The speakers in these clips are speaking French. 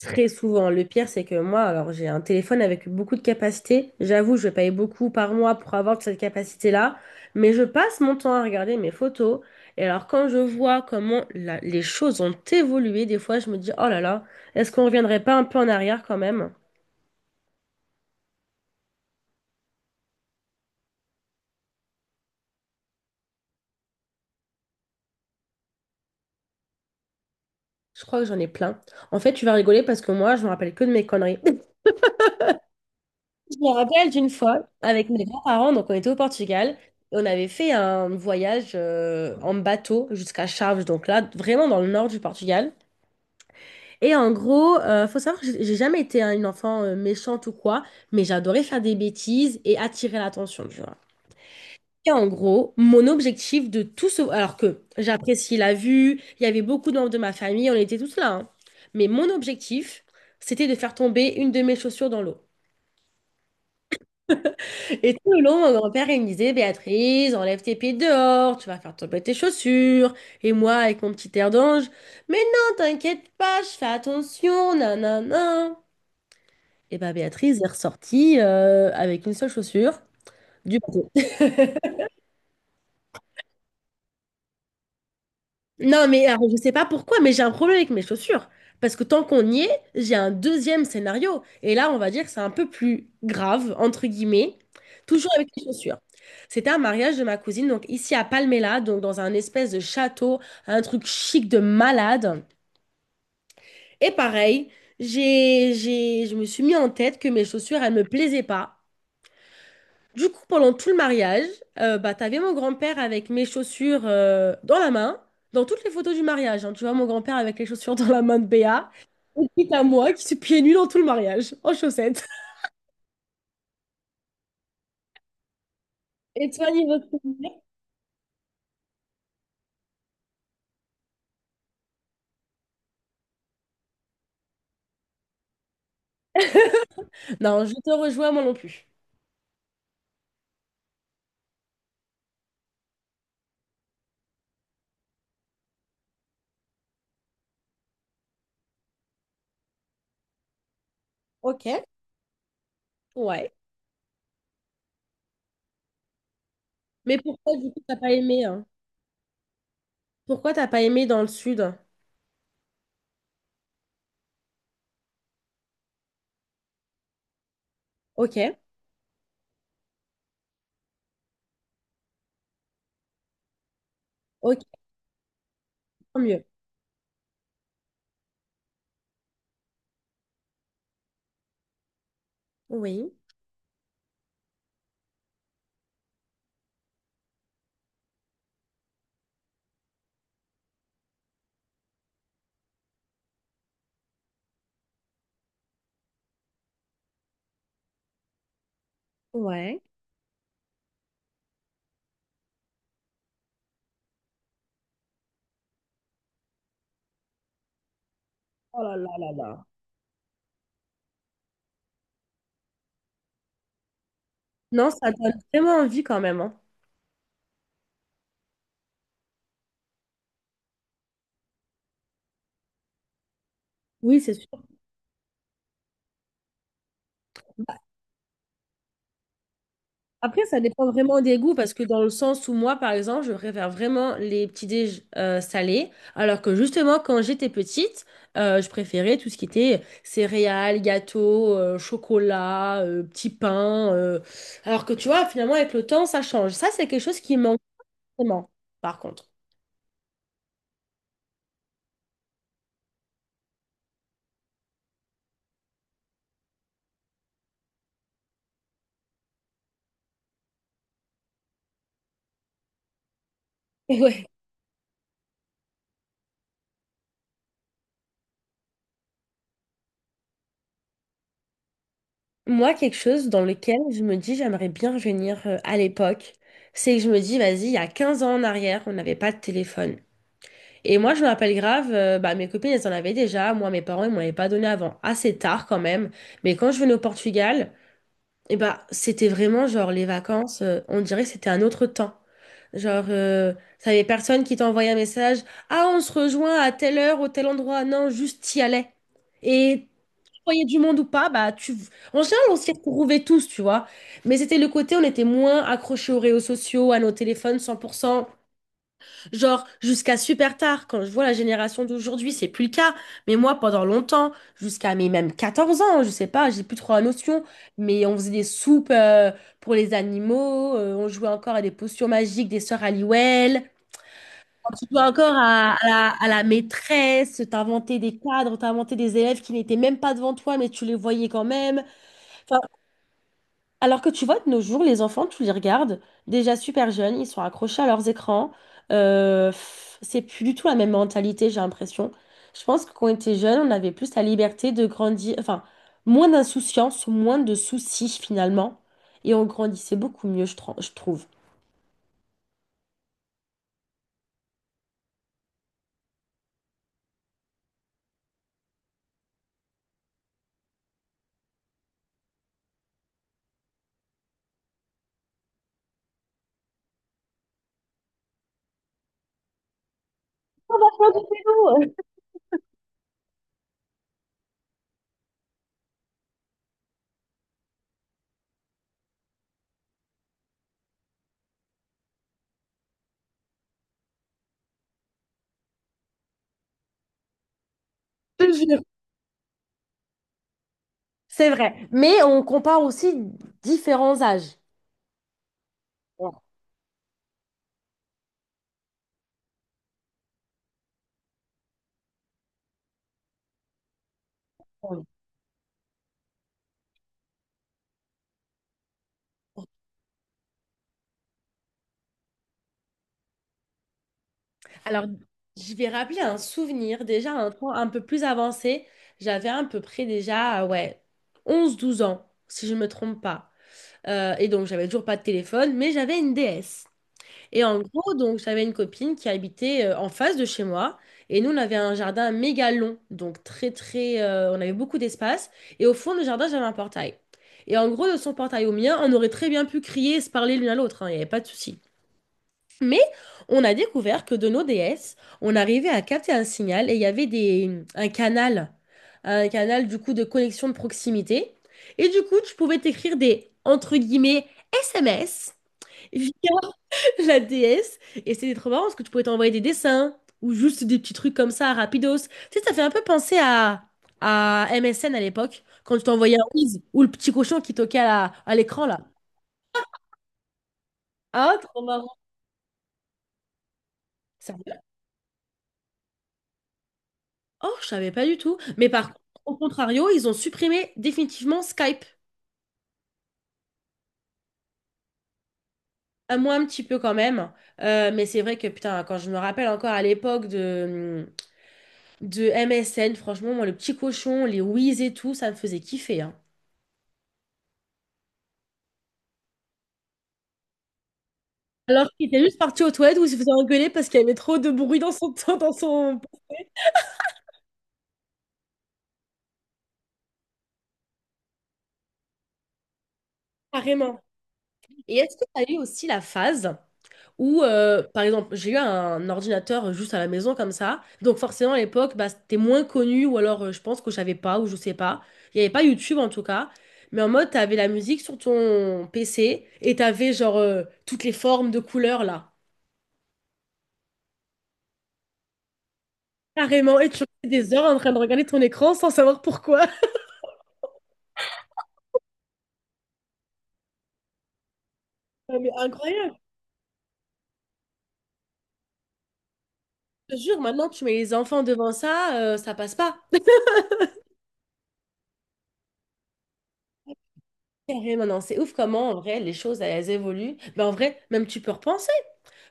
Très souvent. Le pire, c'est que moi, alors j'ai un téléphone avec beaucoup de capacité. J'avoue, je vais payer beaucoup par mois pour avoir cette capacité-là. Mais je passe mon temps à regarder mes photos. Et alors, quand je vois comment les choses ont évolué, des fois, je me dis, oh là là, est-ce qu'on reviendrait pas un peu en arrière quand même? Je crois que j'en ai plein. En fait, tu vas rigoler parce que moi, je me rappelle que de mes conneries. Je me rappelle d'une fois avec mes grands-parents, donc on était au Portugal. Et on avait fait un voyage en bateau jusqu'à Chaves, donc là, vraiment dans le nord du Portugal. Et en gros, faut savoir que j'ai jamais été hein, une enfant méchante ou quoi, mais j'adorais faire des bêtises et attirer l'attention, tu vois. Et en gros, mon objectif de tout ce... Alors que j'apprécie la vue, il y avait beaucoup de membres de ma famille, on était tous là, hein. Mais mon objectif, c'était de faire tomber une de mes chaussures dans l'eau. Et tout le long, mon grand-père, il me disait, Béatrice, enlève tes pieds dehors, tu vas faire tomber tes chaussures. Et moi, avec mon petit air d'ange, mais non, t'inquiète pas, je fais attention, nanana. Et bah Béatrice est ressortie avec une seule chaussure du bateau. Non, mais alors, je sais pas pourquoi, mais j'ai un problème avec mes chaussures. Parce que tant qu'on y est, j'ai un deuxième scénario. Et là, on va dire que c'est un peu plus grave, entre guillemets, toujours avec les chaussures. C'était un mariage de ma cousine, donc ici à Palmela, donc dans un espèce de château, un truc chic de malade. Et pareil, je me suis mis en tête que mes chaussures, elles me plaisaient pas. Du coup, pendant tout le mariage, bah, t'avais mon grand-père avec mes chaussures dans la main, dans toutes les photos du mariage, hein. Tu vois mon grand-père avec les chaussures dans la main de Béa. Et puis t'as moi qui suis pieds nus dans tout le mariage, en chaussettes. Et toi, niveau souvenir? Non, je te rejoins, moi non plus. Ok. Ouais. Mais pourquoi, du coup, t'as pas aimé, hein? Pourquoi t'as pas aimé dans le sud? Ok, ok, tant mieux. Oui, ouais. Oh là là là là. Non, ça donne vraiment envie quand même, hein. Oui, c'est sûr. Après, ça dépend vraiment des goûts parce que dans le sens où moi, par exemple, je préfère vraiment les petits déj salés, alors que justement, quand j'étais petite, je préférais tout ce qui était céréales, gâteaux, chocolat, petits pains. Alors que tu vois, finalement, avec le temps, ça change. Ça, c'est quelque chose qui me manque vraiment, par contre. Et ouais. Moi, quelque chose dans lequel je me dis, j'aimerais bien revenir à l'époque, c'est que je me dis, vas-y, il y a 15 ans en arrière, on n'avait pas de téléphone. Et moi, je me rappelle grave, bah, mes copines, elles en avaient déjà. Moi, mes parents, ils m'en avaient pas donné avant. Assez tard, quand même. Mais quand je venais au Portugal, et bah, c'était vraiment genre les vacances, on dirait que c'était un autre temps. Genre, t'avais personne qui t'envoyait un message. Ah, on se rejoint à telle heure, au tel endroit. Non, juste t'y allais. Et tu voyais du monde ou pas, bah, tu... En général, on s'y retrouvait tous, tu vois. Mais c'était le côté, on était moins accrochés aux réseaux sociaux, à nos téléphones 100%. Genre, jusqu'à super tard, quand je vois la génération d'aujourd'hui, c'est plus le cas. Mais moi, pendant longtemps, jusqu'à mes même 14 ans, je sais pas, j'ai plus trop la notion, mais on faisait des soupes pour les animaux, on jouait encore à des potions magiques des sœurs Halliwell, tu jouais encore à, à la maîtresse, t'inventais des cadres, t'inventais des élèves qui n'étaient même pas devant toi, mais tu les voyais quand même. Enfin, alors que tu vois, de nos jours, les enfants, tu les regardes, déjà super jeunes, ils sont accrochés à leurs écrans. C'est plus du tout la même mentalité, j'ai l'impression. Je pense que quand on était jeunes, on avait plus la liberté de grandir, enfin, moins d'insouciance, moins de soucis finalement. Et on grandissait beaucoup mieux, je trouve. Je te jure. C'est vrai. Mais on compare aussi différents âges. Alors, je vais rappeler un souvenir, déjà un temps un peu plus avancé. J'avais à peu près déjà, ouais, 11-12 ans, si je ne me trompe pas. Et donc, j'avais toujours pas de téléphone, mais j'avais une DS. Et en gros, donc, j'avais une copine qui habitait en face de chez moi. Et nous, on avait un jardin méga long, donc très, très, on avait beaucoup d'espace. Et au fond du jardin, j'avais un portail. Et en gros, de son portail au mien, on aurait très bien pu crier et se parler l'une à l'autre, hein, il n'y avait pas de souci. Mais on a découvert que de nos DS, on arrivait à capter un signal et il y avait un canal du coup de connexion de proximité. Et du coup, tu pouvais t'écrire entre guillemets, SMS via la DS. Et c'était trop marrant parce que tu pouvais t'envoyer des dessins ou juste des petits trucs comme ça, rapidos. Tu sais, ça fait un peu penser à MSN à l'époque, quand tu t'envoyais un whiz ou le petit cochon qui toquait à l'écran là. Ah, trop marrant. Sérieux? Oh, je savais pas du tout. Mais par contre, au contrario, ils ont supprimé définitivement Skype. À moi, un petit peu quand même. Mais c'est vrai que, putain, quand je me rappelle encore à l'époque de MSN, franchement, moi, le petit cochon, les whiz et tout, ça me faisait kiffer, hein. Alors qu'il était juste parti aux toilettes où il se faisait engueuler parce qu'il y avait trop de bruit dans son, dans son... Carrément. Et est-ce que tu as eu aussi la phase? Ou, par exemple, j'ai eu un ordinateur juste à la maison comme ça. Donc, forcément, à l'époque, bah, c'était moins connu, ou alors je pense que je savais pas, ou je sais pas. Il n'y avait pas YouTube en tout cas. Mais en mode, t'avais la musique sur ton PC et t'avais genre toutes les formes de couleurs là. Carrément. Et tu restais des heures en train de regarder ton écran sans savoir pourquoi. Non, mais incroyable. Je te jure, maintenant, tu mets les enfants devant ça, ça passe pas. Carrément, non, c'est ouf comment, en vrai, les choses, elles, évoluent. Mais en vrai, même tu peux repenser.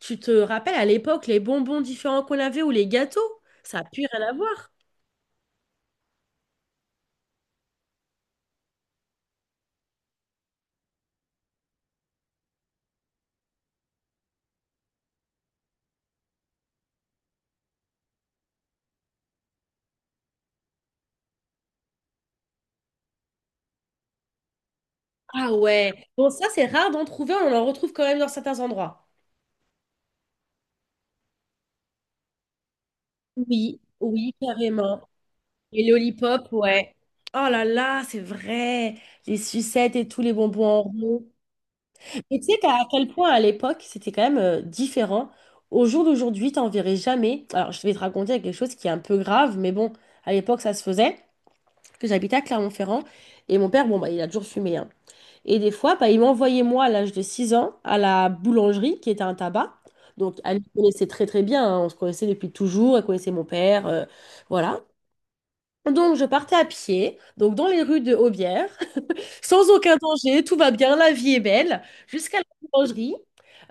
Tu te rappelles à l'époque les bonbons différents qu'on avait ou les gâteaux? Ça a plus rien à voir. Ah ouais. Bon, ça, c'est rare d'en trouver, on en retrouve quand même dans certains endroits. Oui, oui, carrément. Les lollipops, ouais. Oh là là, c'est vrai. Les sucettes et tous les bonbons en rond. Et tu sais qu'à à quel point à l'époque, c'était quand même différent. Au jour d'aujourd'hui, t'en verrais jamais. Alors, je vais te raconter quelque chose qui est un peu grave, mais bon, à l'époque, ça se faisait. Que j'habitais à Clermont-Ferrand et mon père, bon, bah, il a toujours fumé, hein. Et des fois, bah, ils m'envoyaient moi à l'âge de 6 ans à la boulangerie qui était un tabac. Donc, elle me connaissait très très bien, hein. On se connaissait depuis toujours, elle connaissait mon père, voilà. Donc, je partais à pied, donc dans les rues de Aubière, sans aucun danger, tout va bien, la vie est belle. Jusqu'à la boulangerie,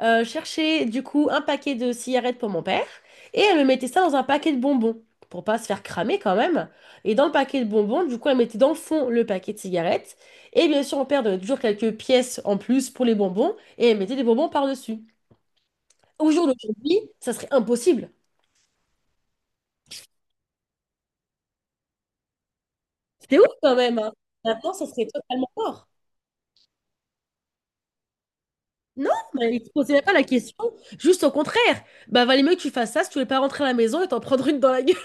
chercher du coup un paquet de cigarettes pour mon père et elle me mettait ça dans un paquet de bonbons pour pas se faire cramer quand même. Et dans le paquet de bonbons, du coup, elle mettait dans le fond le paquet de cigarettes et bien sûr, mon père donnait toujours quelques pièces en plus pour les bonbons et elle mettait des bonbons par-dessus. Au jour d'aujourd'hui, ça serait impossible. C'était ouf quand même, hein. Maintenant, ça serait totalement mort. Non, mais il ne se posait pas la question. Juste au contraire. Bah, valait mieux que tu fasses ça si tu ne voulais pas rentrer à la maison et t'en prendre une dans la gueule.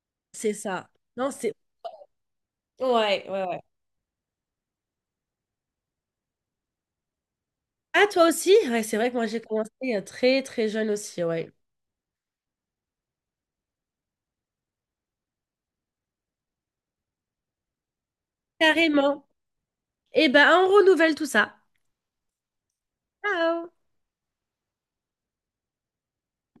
C'est ça. Non, c'est. Ouais, ouais, ouais. Ah, toi aussi? Ouais, c'est vrai que moi, j'ai commencé très, très jeune aussi, ouais. Carrément. Eh ben, on renouvelle tout ça. Ciao!